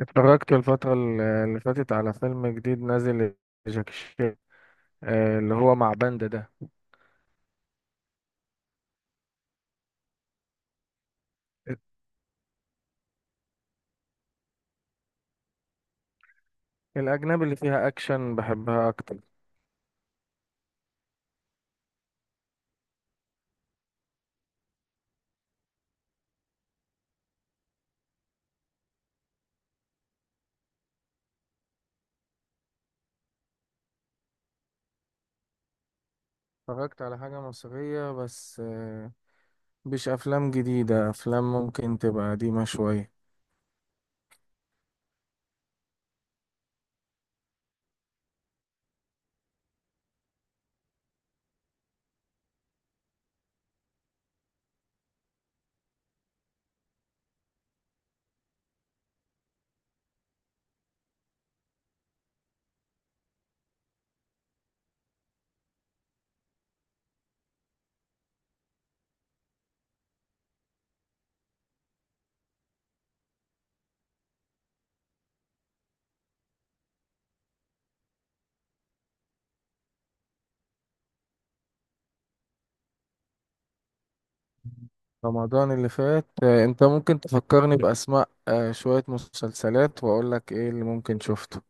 اتفرجت الفترة اللي فاتت على فيلم جديد نازل لجاكي شان، اللي هو مع باندا ده. الأجنبي اللي فيها أكشن بحبها أكتر. اتفرجت على حاجة مصرية، بس مش أفلام جديدة، أفلام ممكن تبقى قديمة شوية. رمضان اللي فات، أنت ممكن تفكرني بأسماء شوية مسلسلات وأقولك إيه اللي ممكن شفته.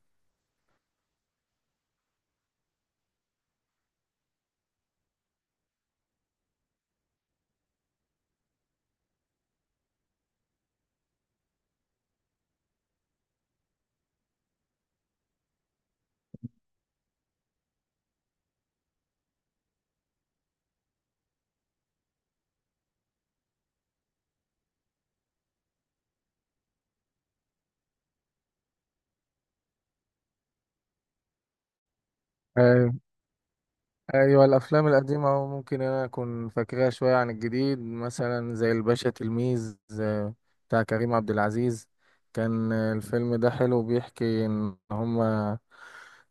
ايوه، الافلام القديمه ممكن انا اكون فاكرها شويه عن الجديد، مثلا زي الباشا تلميذ، بتاع كريم عبد العزيز. كان الفيلم ده حلو، بيحكي ان هما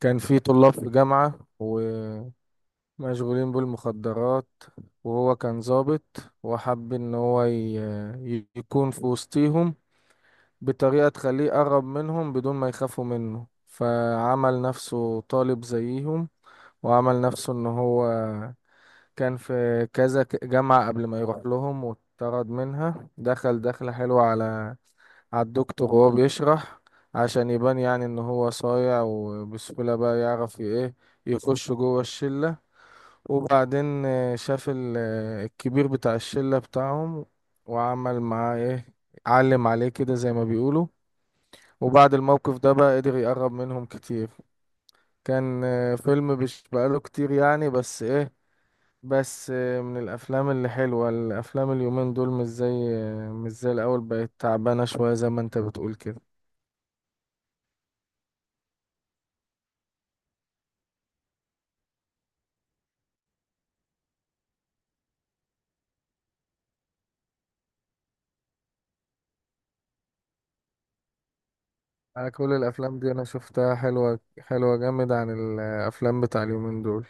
كان في طلاب في جامعه ومشغولين بالمخدرات، وهو كان ضابط وحب ان هو يكون في وسطيهم بطريقه تخليه قرب منهم بدون ما يخافوا منه، فعمل نفسه طالب زيهم، وعمل نفسه ان هو كان في كذا جامعة قبل ما يروح لهم واتطرد منها. دخل دخلة حلوة على الدكتور وهو بيشرح، عشان يبان يعني ان هو صايع، وبسهولة بقى يعرف ايه يخش جوه الشلة. وبعدين شاف الكبير بتاع الشلة بتاعهم، وعمل معاه ايه، علم عليه كده زي ما بيقولوا. وبعد الموقف ده بقى قدر يقرب منهم كتير. كان فيلم مش بقاله كتير يعني، بس ايه، بس من الافلام اللي حلوه. الافلام اليومين دول مش زي الاول، بقت تعبانه شويه زي ما انت بتقول كده. انا كل الافلام دي انا شفتها حلوه، حلوه جامد عن الافلام بتاع اليومين دول.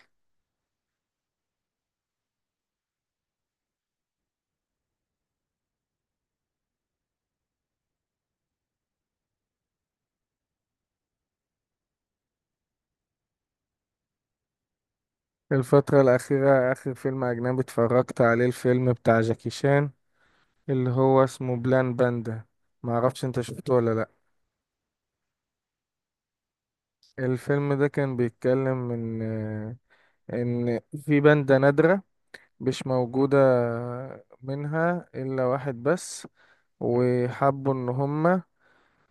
الفتره الاخيره، اخر فيلم اجنبي اتفرجت عليه الفيلم بتاع جاكي شان، اللي هو اسمه بلان باندا، ما اعرفش انت شفته ولا لا. الفيلم ده كان بيتكلم ان ان في باندا نادره مش موجوده، منها إلا واحد بس، وحبوا ان هما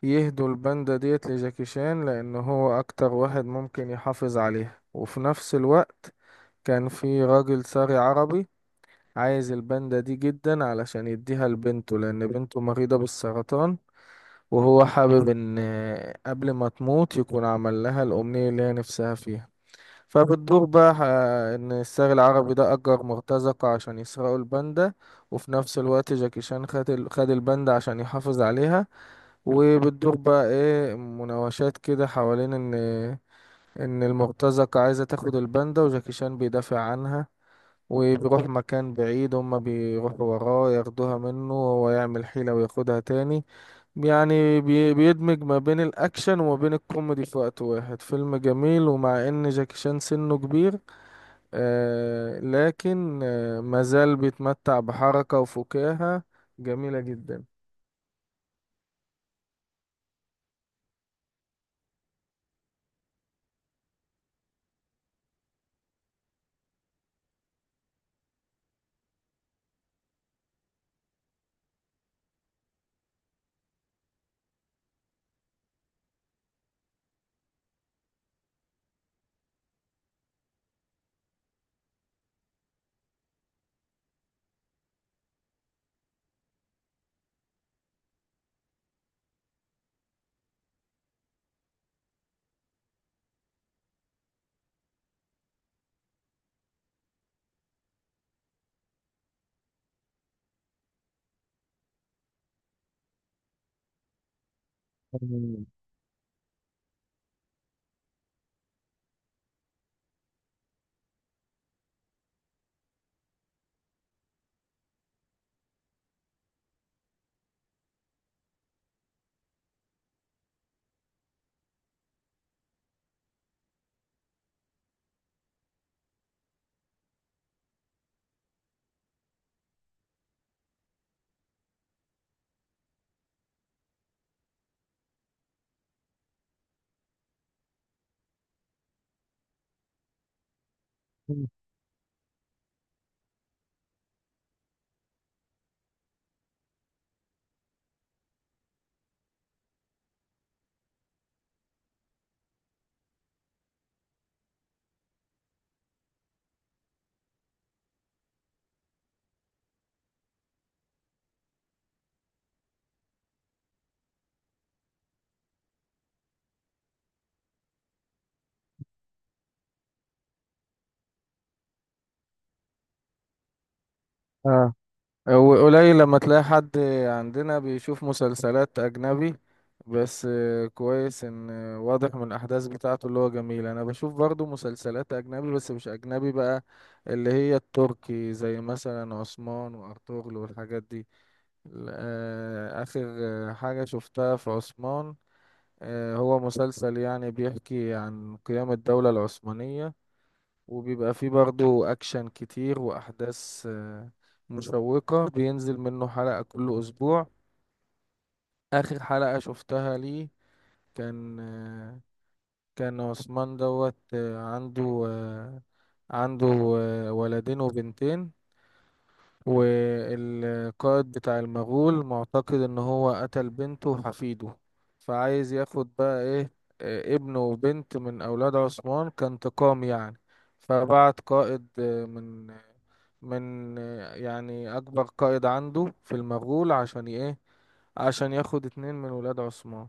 يهدوا الباندا ديت لجاكي شان، لان هو اكتر واحد ممكن يحافظ عليها. وفي نفس الوقت كان في راجل ساري عربي عايز الباندا دي جدا، علشان يديها لبنته، لان بنته مريضة بالسرطان، وهو حابب ان قبل ما تموت يكون عمل لها الامنية اللي هي نفسها فيها. فبتدور بقى ان الساري العربي ده اجر مرتزقة عشان يسرقوا الباندا، وفي نفس الوقت جاكي شان خد الباندا عشان يحافظ عليها. وبتدور بقى ايه مناوشات كده حوالين ان المرتزقة عايزة تاخد الباندا، وجاكي شان بيدافع عنها، وبيروح مكان بعيد، هما بيروحوا وراه ياخدوها منه، وهو يعمل حيلة وياخدها تاني. يعني بيدمج ما بين الأكشن وما بين الكوميدي في وقت واحد. فيلم جميل، ومع إن جاكي شان سنه كبير، لكن مازال بيتمتع بحركة وفكاهة جميلة جدا. مم. اه، وقليل لما تلاقي حد عندنا بيشوف مسلسلات أجنبي، بس كويس إن واضح من الأحداث بتاعته اللي هو جميل. أنا بشوف برضو مسلسلات أجنبي، بس مش أجنبي بقى، اللي هي التركي، زي مثلا عثمان وأرطغرل والحاجات دي. آخر حاجة شفتها في عثمان، هو مسلسل يعني بيحكي عن قيام الدولة العثمانية، وبيبقى فيه برضه أكشن كتير وأحداث مشوقة، بينزل منه حلقة كل أسبوع. آخر حلقة شفتها ليه، كان آه، كان عثمان دوت، عنده ولدين وبنتين. والقائد بتاع المغول معتقد ان هو قتل بنته وحفيده، فعايز ياخد بقى ايه، ابنه وبنت من اولاد عثمان كانتقام يعني. فبعت قائد، من يعني اكبر قائد عنده في المغول، عشان ايه، عشان ياخد اتنين من ولاد عثمان.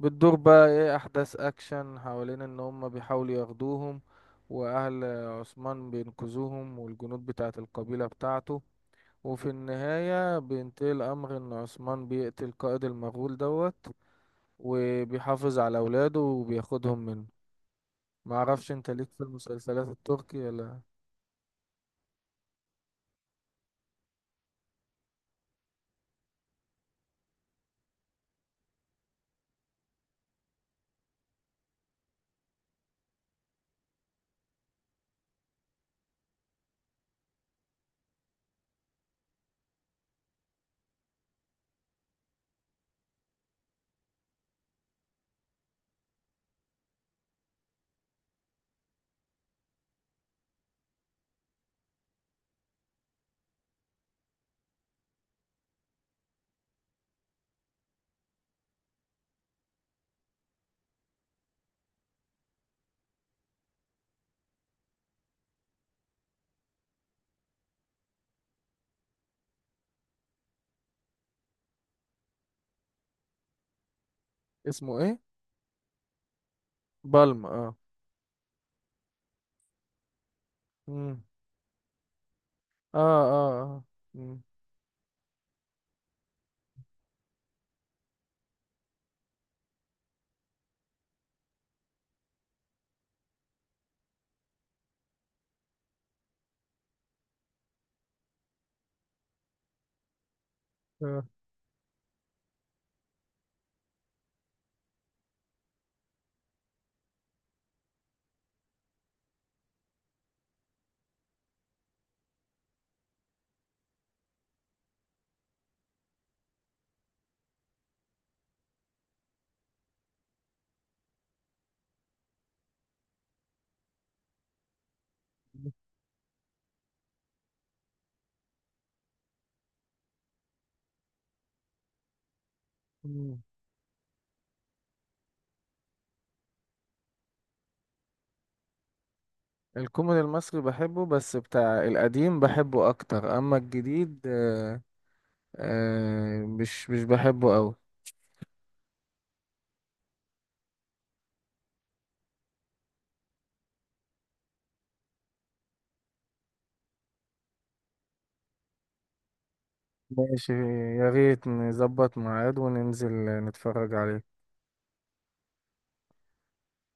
بتدور بقى ايه احداث اكشن حوالين ان هم بيحاولوا ياخدوهم، واهل عثمان بينقذوهم والجنود بتاعت القبيلة بتاعته. وفي النهاية بينتهي الأمر إن عثمان بيقتل قائد المغول دوت، وبيحافظ على أولاده وبياخدهم منه. معرفش أنت ليك في المسلسلات التركي ولا. اسمه إيه؟ بالم آه. مم. آه آه آه. مم. آه. مم. الكوميدي المصري بحبه، بس بتاع القديم بحبه أكتر، أما الجديد مش بحبه أوي. ماشي، يا ريت نظبط ميعاد وننزل نتفرج عليه.